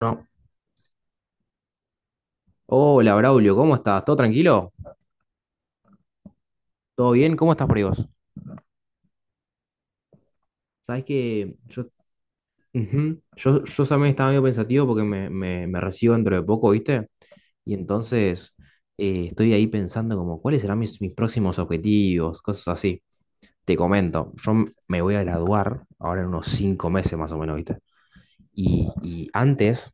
No. Hola, Braulio, ¿cómo estás? ¿Todo tranquilo? ¿Todo bien? ¿Cómo estás por ahí vos? Sabés que yo, ujú, yo también estaba medio pensativo porque me recibo dentro de poco, ¿viste? Y entonces estoy ahí pensando como cuáles serán mis próximos objetivos, cosas así. Te comento, yo me voy a graduar ahora en unos 5 meses más o menos, ¿viste? Y antes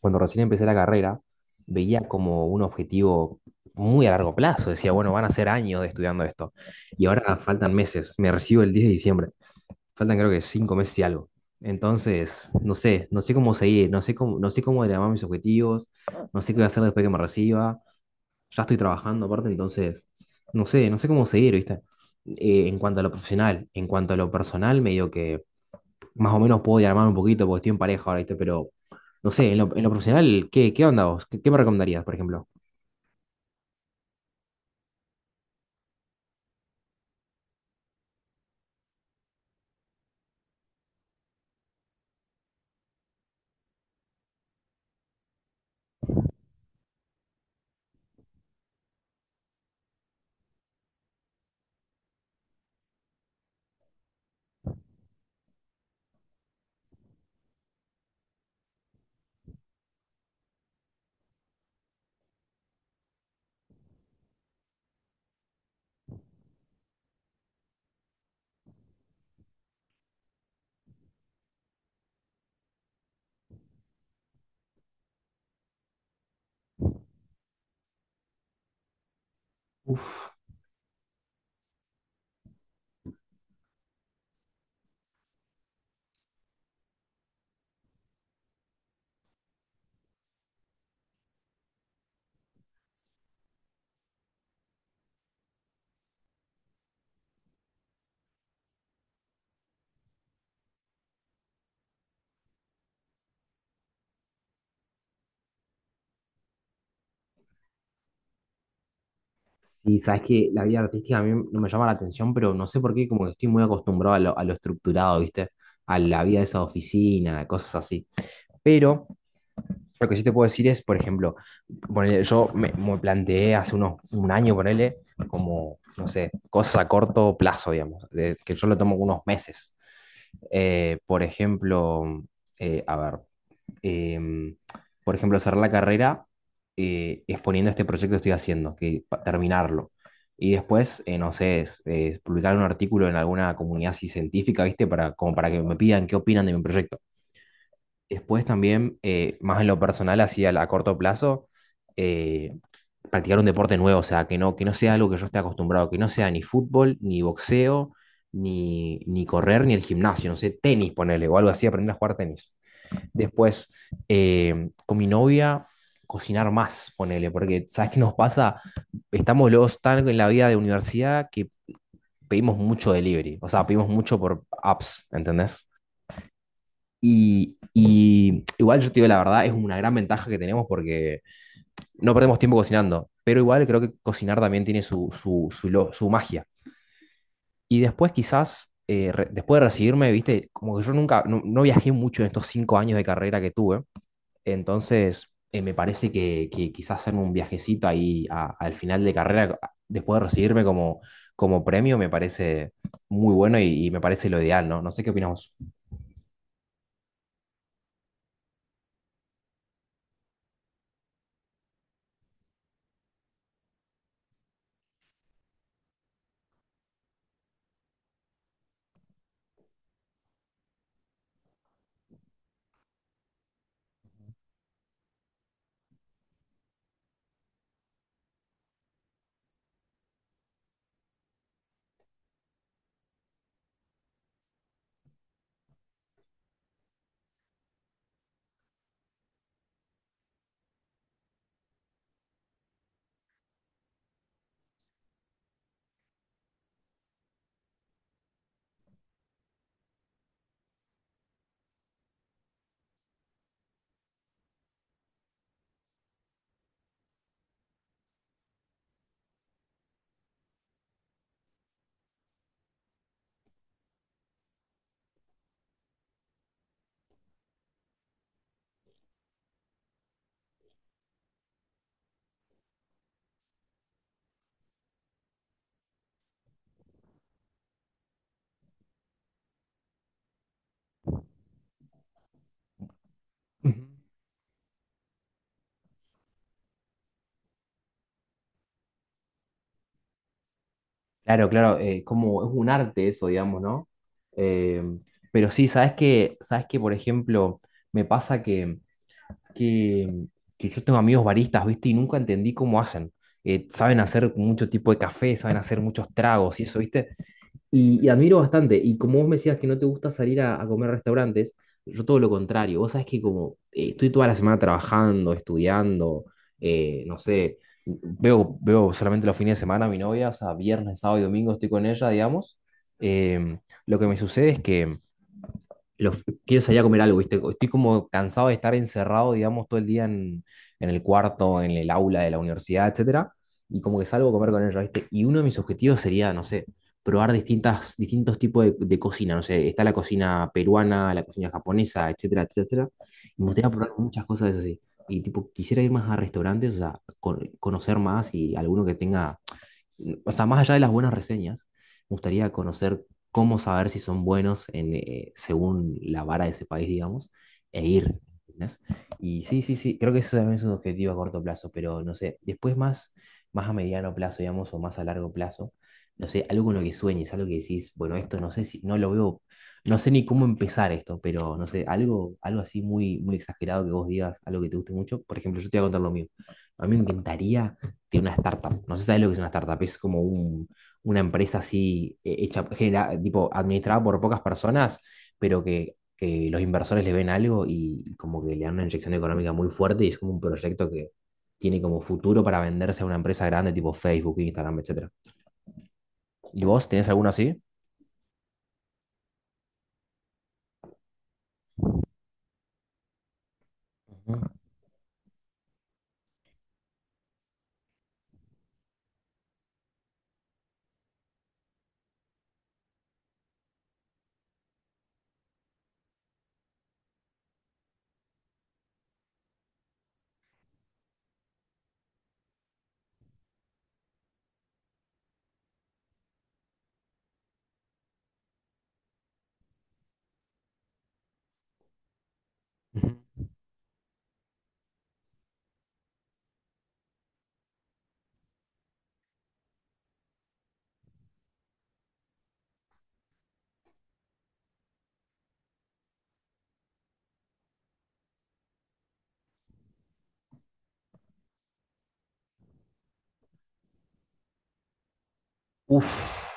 cuando recién empecé la carrera, veía como un objetivo muy a largo plazo. Decía, bueno, van a ser años de estudiando esto. Y ahora faltan meses. Me recibo el 10 de diciembre. Faltan creo que 5 meses y algo. Entonces, no sé, no sé cómo seguir, no sé cómo, no sé cómo llamar mis objetivos, no sé qué voy a hacer después que me reciba. Ya estoy trabajando aparte, entonces, no sé, no sé cómo seguir, ¿viste? En cuanto a lo profesional, en cuanto a lo personal, medio que más o menos puedo diagramar un poquito porque estoy en pareja ahora, ¿viste? Pero no sé, en lo, profesional, ¿qué onda vos? ¿Qué me recomendarías, por ejemplo? Uf. Y sabes que la vida artística a mí no me llama la atención, pero no sé por qué, como que estoy muy acostumbrado a lo estructurado, ¿viste? A la vida de esa oficina, cosas así. Pero lo que sí te puedo decir es, por ejemplo, ponele, yo me planteé hace un año, ponele, como, no sé, cosas a corto plazo, digamos, que yo lo tomo unos meses. Por ejemplo, a ver. em, por ejemplo, cerrar la carrera exponiendo este proyecto que estoy haciendo, que terminarlo. Y después, no sé, publicar un artículo en alguna comunidad así científica, ¿viste? Para, como para que me pidan qué opinan de mi proyecto. Después también, más en lo personal, así a corto plazo, eh, practicar un deporte nuevo, o sea, que no sea algo que yo esté acostumbrado, que no sea ni fútbol, ni boxeo, ni correr, ni el gimnasio, no sé, tenis, ponerle o algo así, aprender a jugar tenis. Después, con mi novia, cocinar más, ponele, porque ¿sabes qué nos pasa? Estamos los tan en la vida de universidad que pedimos mucho delivery, o sea, pedimos mucho por apps, ¿entendés? Y igual yo te digo la verdad, es una gran ventaja que tenemos porque no perdemos tiempo cocinando, pero igual creo que cocinar también tiene su magia. Y después quizás, después de recibirme, viste, como que yo nunca, no viajé mucho en estos 5 años de carrera que tuve, entonces, me parece que quizás hacerme un viajecito ahí al final de carrera, después de recibirme como premio, me parece muy bueno y me parece lo ideal, ¿no? No sé qué opinamos. Ujú. Claro, claro, como es un arte eso, digamos, ¿no? Eh, pero sí, sabes que, por ejemplo, me pasa que, que yo tengo amigos baristas, ¿viste? Y nunca entendí cómo hacen. Saben hacer mucho tipo de café, saben hacer muchos tragos y eso, ¿viste? Y admiro bastante. Y como vos me decías que no te gusta salir a comer a restaurantes, yo todo lo contrario. Vos sabés que como estoy toda la semana trabajando, estudiando, no sé, veo solamente los fines de semana a mi novia, o sea, viernes, sábado y domingo estoy con ella, digamos. Em, lo que me sucede es que lo- quiero salir a comer algo, ¿viste? Estoy como cansado de estar encerrado, digamos, todo el día en el cuarto, en el aula de la universidad, etcétera, y como que salgo a comer con ellos, ¿viste? Y uno de mis objetivos sería, no sé, probar distintos tipos de cocina, no sé, está la cocina peruana, la cocina japonesa, etcétera, etcétera, y me gustaría probar muchas cosas así. Y tipo, quisiera ir más a restaurantes, o sea, conocer más y alguno que tenga o sea, más allá de las buenas reseñas, me gustaría conocer cómo saber si son buenos en, según la vara de ese país, digamos, e ir. ¿Entendés? Y sí, sí, sí, creo que eso también es un objetivo a corto plazo, pero no sé, después más, a mediano plazo, digamos, o más a largo plazo, no sé, algo con lo que sueñes, algo que decís, bueno, esto no sé si, no lo veo, no sé ni cómo empezar esto, pero no sé, algo, algo así muy, muy exagerado que vos digas, algo que te guste mucho. Por ejemplo, yo te voy a contar lo mío. A mí me encantaría tiene una startup. No sé si sabes lo que es una startup. Es como una empresa así hecha, tipo, administrada por pocas personas, pero que los inversores le ven algo y como que le dan una inyección económica muy fuerte y es como un proyecto que tiene como futuro para venderse a una empresa grande tipo Facebook, Instagram, etcétera. ¿Y vos tenés alguno así? Ujú. Ujú. Uf,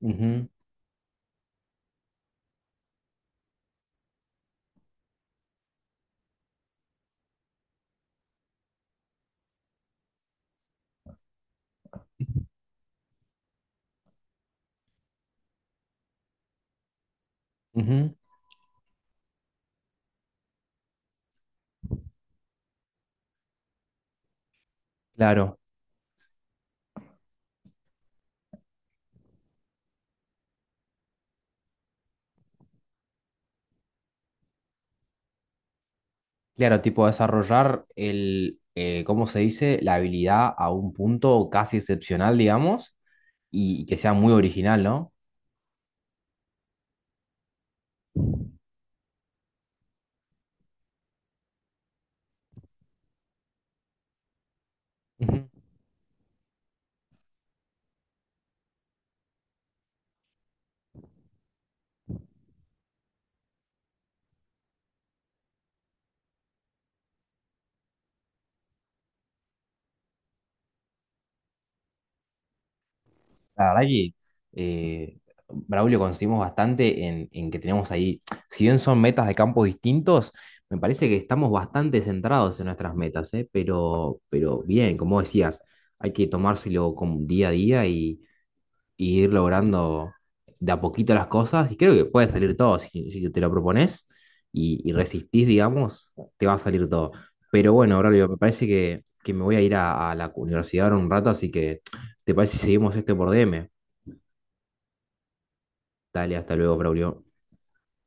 ujú, ujú, claro, claro, tipo desarrollar ¿cómo se dice? La habilidad a un punto casi excepcional, digamos, y que sea muy original, ¿no? Ujú. La verdad que eh, Braulio coincidimos bastante en que tenemos ahí, si bien son metas de campos distintos, me parece que estamos bastante centrados en nuestras metas, ¿eh? Pero bien, como decías, hay que tomárselo como día a día y ir logrando de a poquito las cosas. Y creo que puede salir todo. Si te lo propones y resistís, digamos, te va a salir todo. Pero bueno, Braulio, me parece que me voy a ir a la universidad ahora un rato, así que ¿te parece si seguimos esto por DM? Dale, hasta luego, Braulio.